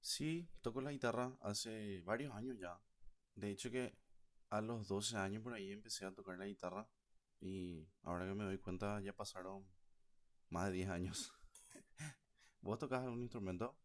Sí, toco la guitarra hace varios años ya. De hecho que a los 12 años por ahí empecé a tocar la guitarra y ahora que me doy cuenta ya pasaron más de 10 años. ¿Vos tocás algún instrumento?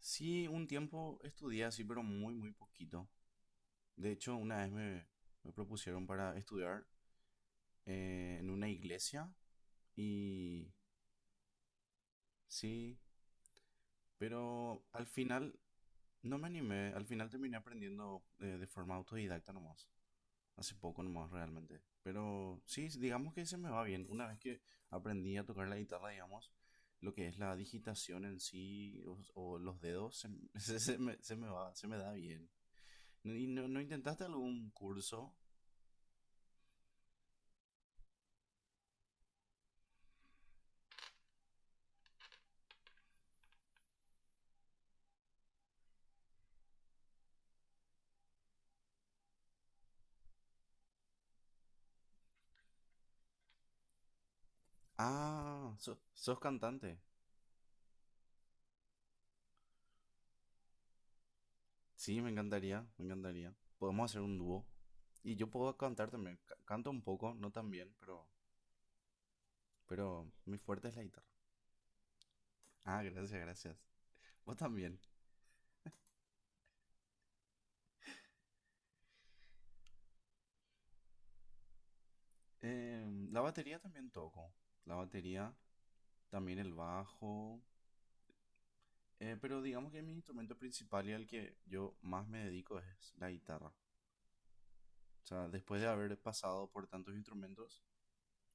Sí, un tiempo estudié así, pero muy, muy poquito. De hecho, una vez me propusieron para estudiar en una iglesia y sí, pero al final no me animé, al final terminé aprendiendo de forma autodidacta nomás. Hace poco nomás realmente. Pero sí, digamos que se me va bien. Una vez que aprendí a tocar la guitarra, digamos, lo que es la digitación en sí o los dedos, se me da bien. ¿Y no intentaste algún curso? Ah, sos cantante. Sí, me encantaría, me encantaría. Podemos hacer un dúo. Y yo puedo cantar también. Canto un poco, no tan bien, pero mi fuerte es la guitarra. Ah, gracias, gracias. Vos también. La batería también toco. La batería, también el bajo. Pero digamos que mi instrumento principal y al que yo más me dedico es la guitarra. O sea, después de haber pasado por tantos instrumentos,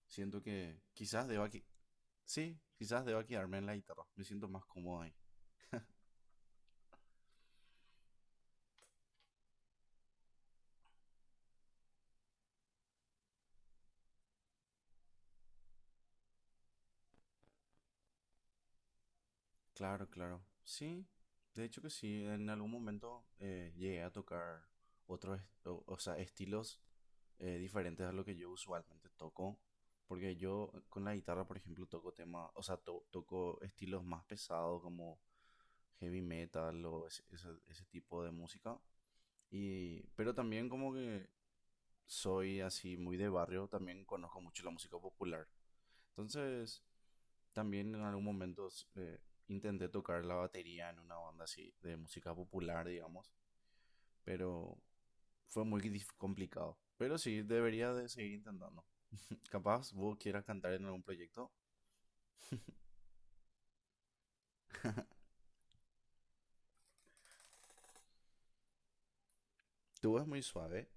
siento que quizás deba. Sí, quizás deba quedarme en la guitarra. Me siento más cómodo ahí. Claro, claro. Sí, de hecho que sí, en algún momento llegué a tocar o sea, estilos diferentes a lo que yo usualmente toco, porque yo con la guitarra, por ejemplo, toco temas, o sea, toco estilos más pesados como heavy metal o ese tipo de música, y, pero también como que soy así muy de barrio, también conozco mucho la música popular. Entonces. También en algún momento eh, intenté tocar la batería en una banda así de música popular, digamos, pero fue muy complicado. Pero sí, debería de seguir intentando. Capaz vos quieras cantar en algún proyecto. Tu voz es muy suave.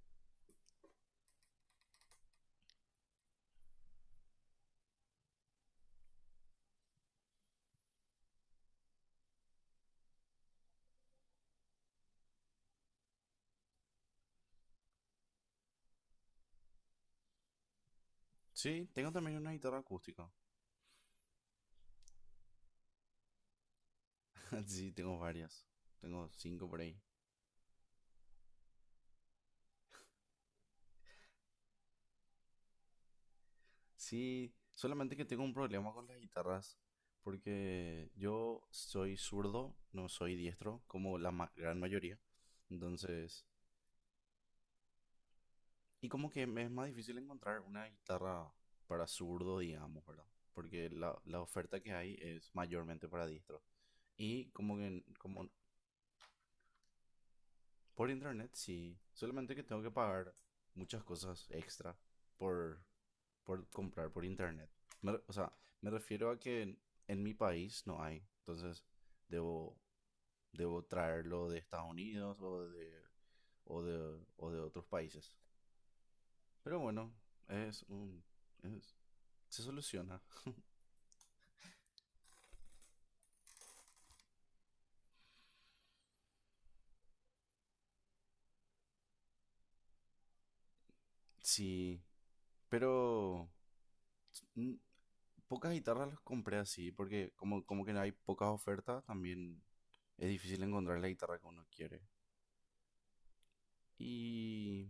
Sí, tengo también una guitarra acústica. Sí, tengo varias. Tengo cinco por ahí. Sí, solamente que tengo un problema con las guitarras. Porque yo soy zurdo, no soy diestro, como la gran mayoría. Entonces, y como que me es más difícil encontrar una guitarra para zurdo, digamos, ¿verdad? Porque la oferta que hay es mayormente para diestro. Y como que como por internet sí, solamente que tengo que pagar muchas cosas extra por, por comprar por internet. O sea, me refiero a que en mi país no hay, entonces debo, debo traerlo de Estados Unidos o de, o de otros países. Pero bueno, es un, es, se soluciona. Sí, pero mm, pocas guitarras las compré así, porque como que no hay pocas ofertas, también es difícil encontrar la guitarra que uno quiere. Y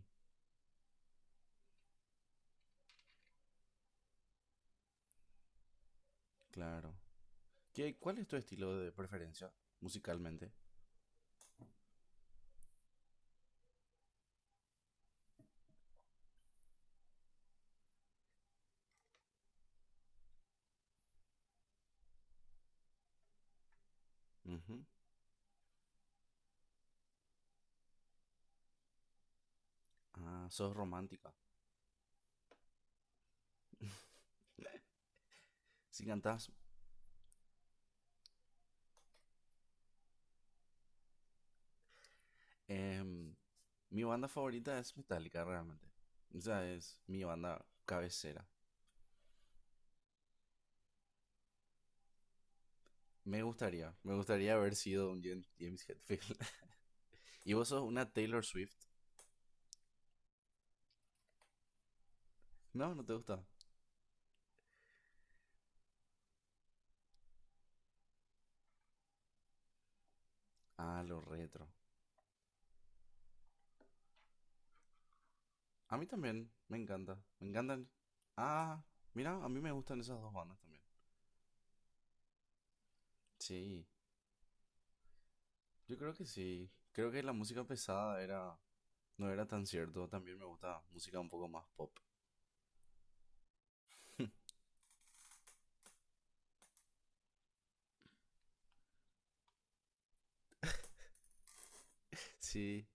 claro. ¿Cuál es tu estilo de preferencia musicalmente? Ujú. Ah, sos romántica. Si cantás. Em, Mi banda favorita es Metallica, realmente. O sea, es mi banda cabecera. Me gustaría haber sido un James Hetfield. ¿Y vos sos una Taylor Swift? No, no te gusta. Ah, lo retro. A mí también, me encanta. Me encantan. Ah, mira, a mí me gustan esas dos bandas también. Sí, yo creo que sí. Creo que la música pesada era no era tan cierto. También me gusta música un poco más pop. Sí,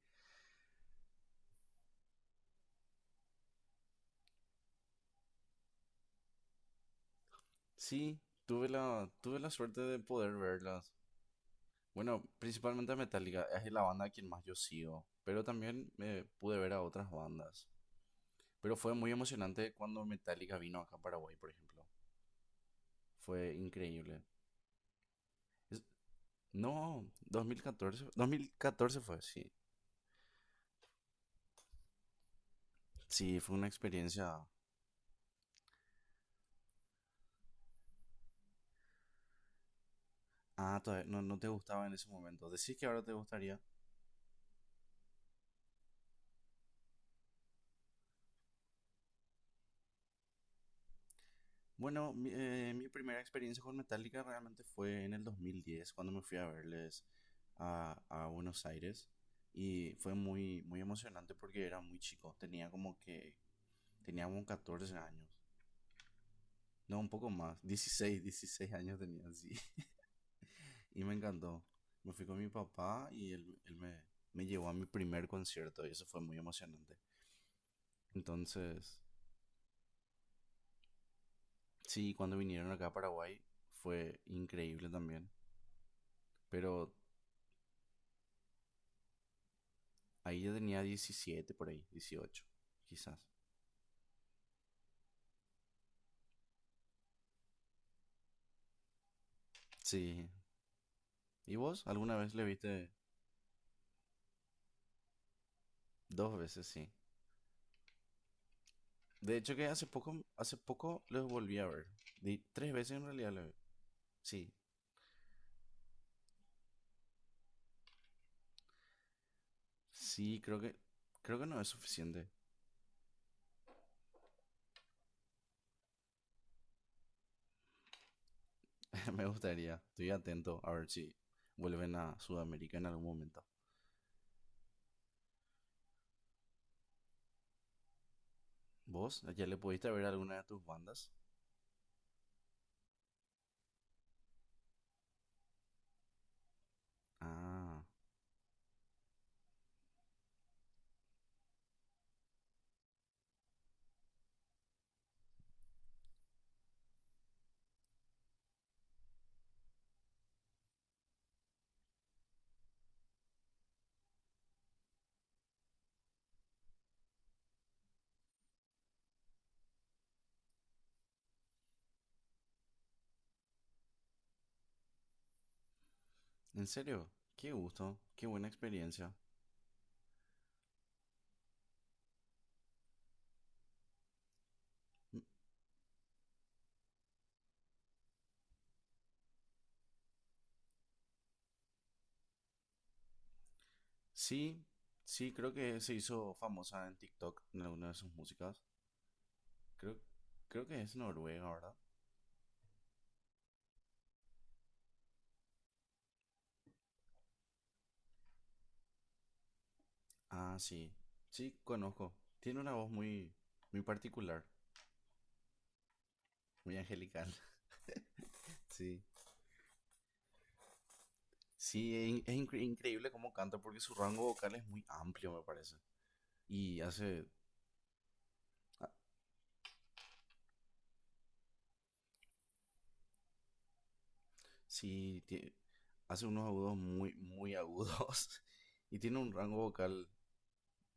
sí, tuve la suerte de poder verlas. Bueno, principalmente a Metallica, es la banda a quien más yo sigo, pero también me pude ver a otras bandas. Pero fue muy emocionante cuando Metallica vino acá a Paraguay, por ejemplo. Fue increíble. Es- no, 2014, 2014 fue, sí. Sí, fue una experiencia. Ah, todavía no te gustaba en ese momento. Decís que ahora te gustaría. Bueno, mi primera experiencia con Metallica realmente fue en el 2010, cuando me fui a verles a Buenos Aires. Y fue muy, muy emocionante porque era muy chico. Tenía como 14 años. No, un poco más. 16, 16 años tenía, sí. Y me encantó. Me fui con mi papá y él me llevó a mi primer concierto y eso fue muy emocionante. Entonces, sí, cuando vinieron acá a Paraguay fue increíble también. Pero ahí yo tenía 17 por ahí, 18 quizás. Sí. ¿Y vos alguna vez le viste dos veces, sí? De hecho que hace poco los volví a ver. Tres veces en realidad le vi. Sí. Sí, creo que no es suficiente. Me gustaría. Estoy atento a ver si vuelven a Sudamérica en algún momento. ¿Vos ya le pudiste ver alguna de tus bandas? Ah, ¿en serio? Qué gusto, qué buena experiencia. Mm, Sí, sí, creo que se hizo famosa en TikTok en alguna de sus músicas. Creo, creo que es noruega, ¿verdad? Ah, sí, sí, conozco. Tiene una voz muy, muy particular, muy angelical. Sí, sí, es increíble cómo canta porque su rango vocal es muy amplio, me parece. y hace, ah, sí, hace unos agudos muy, muy agudos y tiene un rango vocal,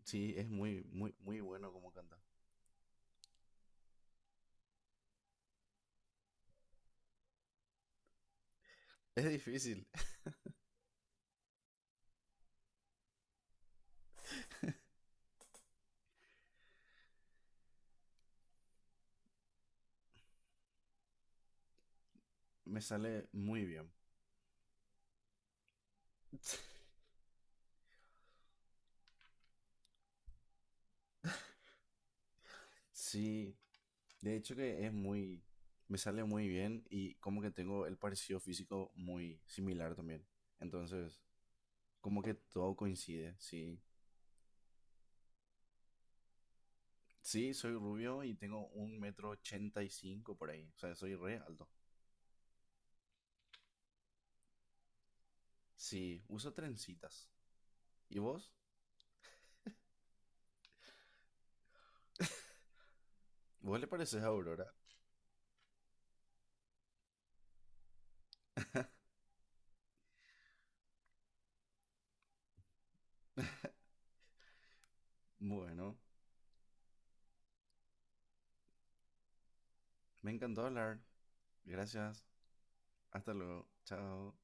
sí, es muy, muy, muy bueno como canta. Es difícil, me sale muy bien. Sí, de hecho que me sale muy bien y como que tengo el parecido físico muy similar también. Entonces, como que todo coincide, sí. Sí, soy rubio y tengo un metro ochenta y cinco por ahí. O sea, soy re alto. Sí, uso trencitas. ¿Y vos? Vos le pareces a Aurora. Bueno, me encantó hablar. Gracias. Hasta luego. Chao.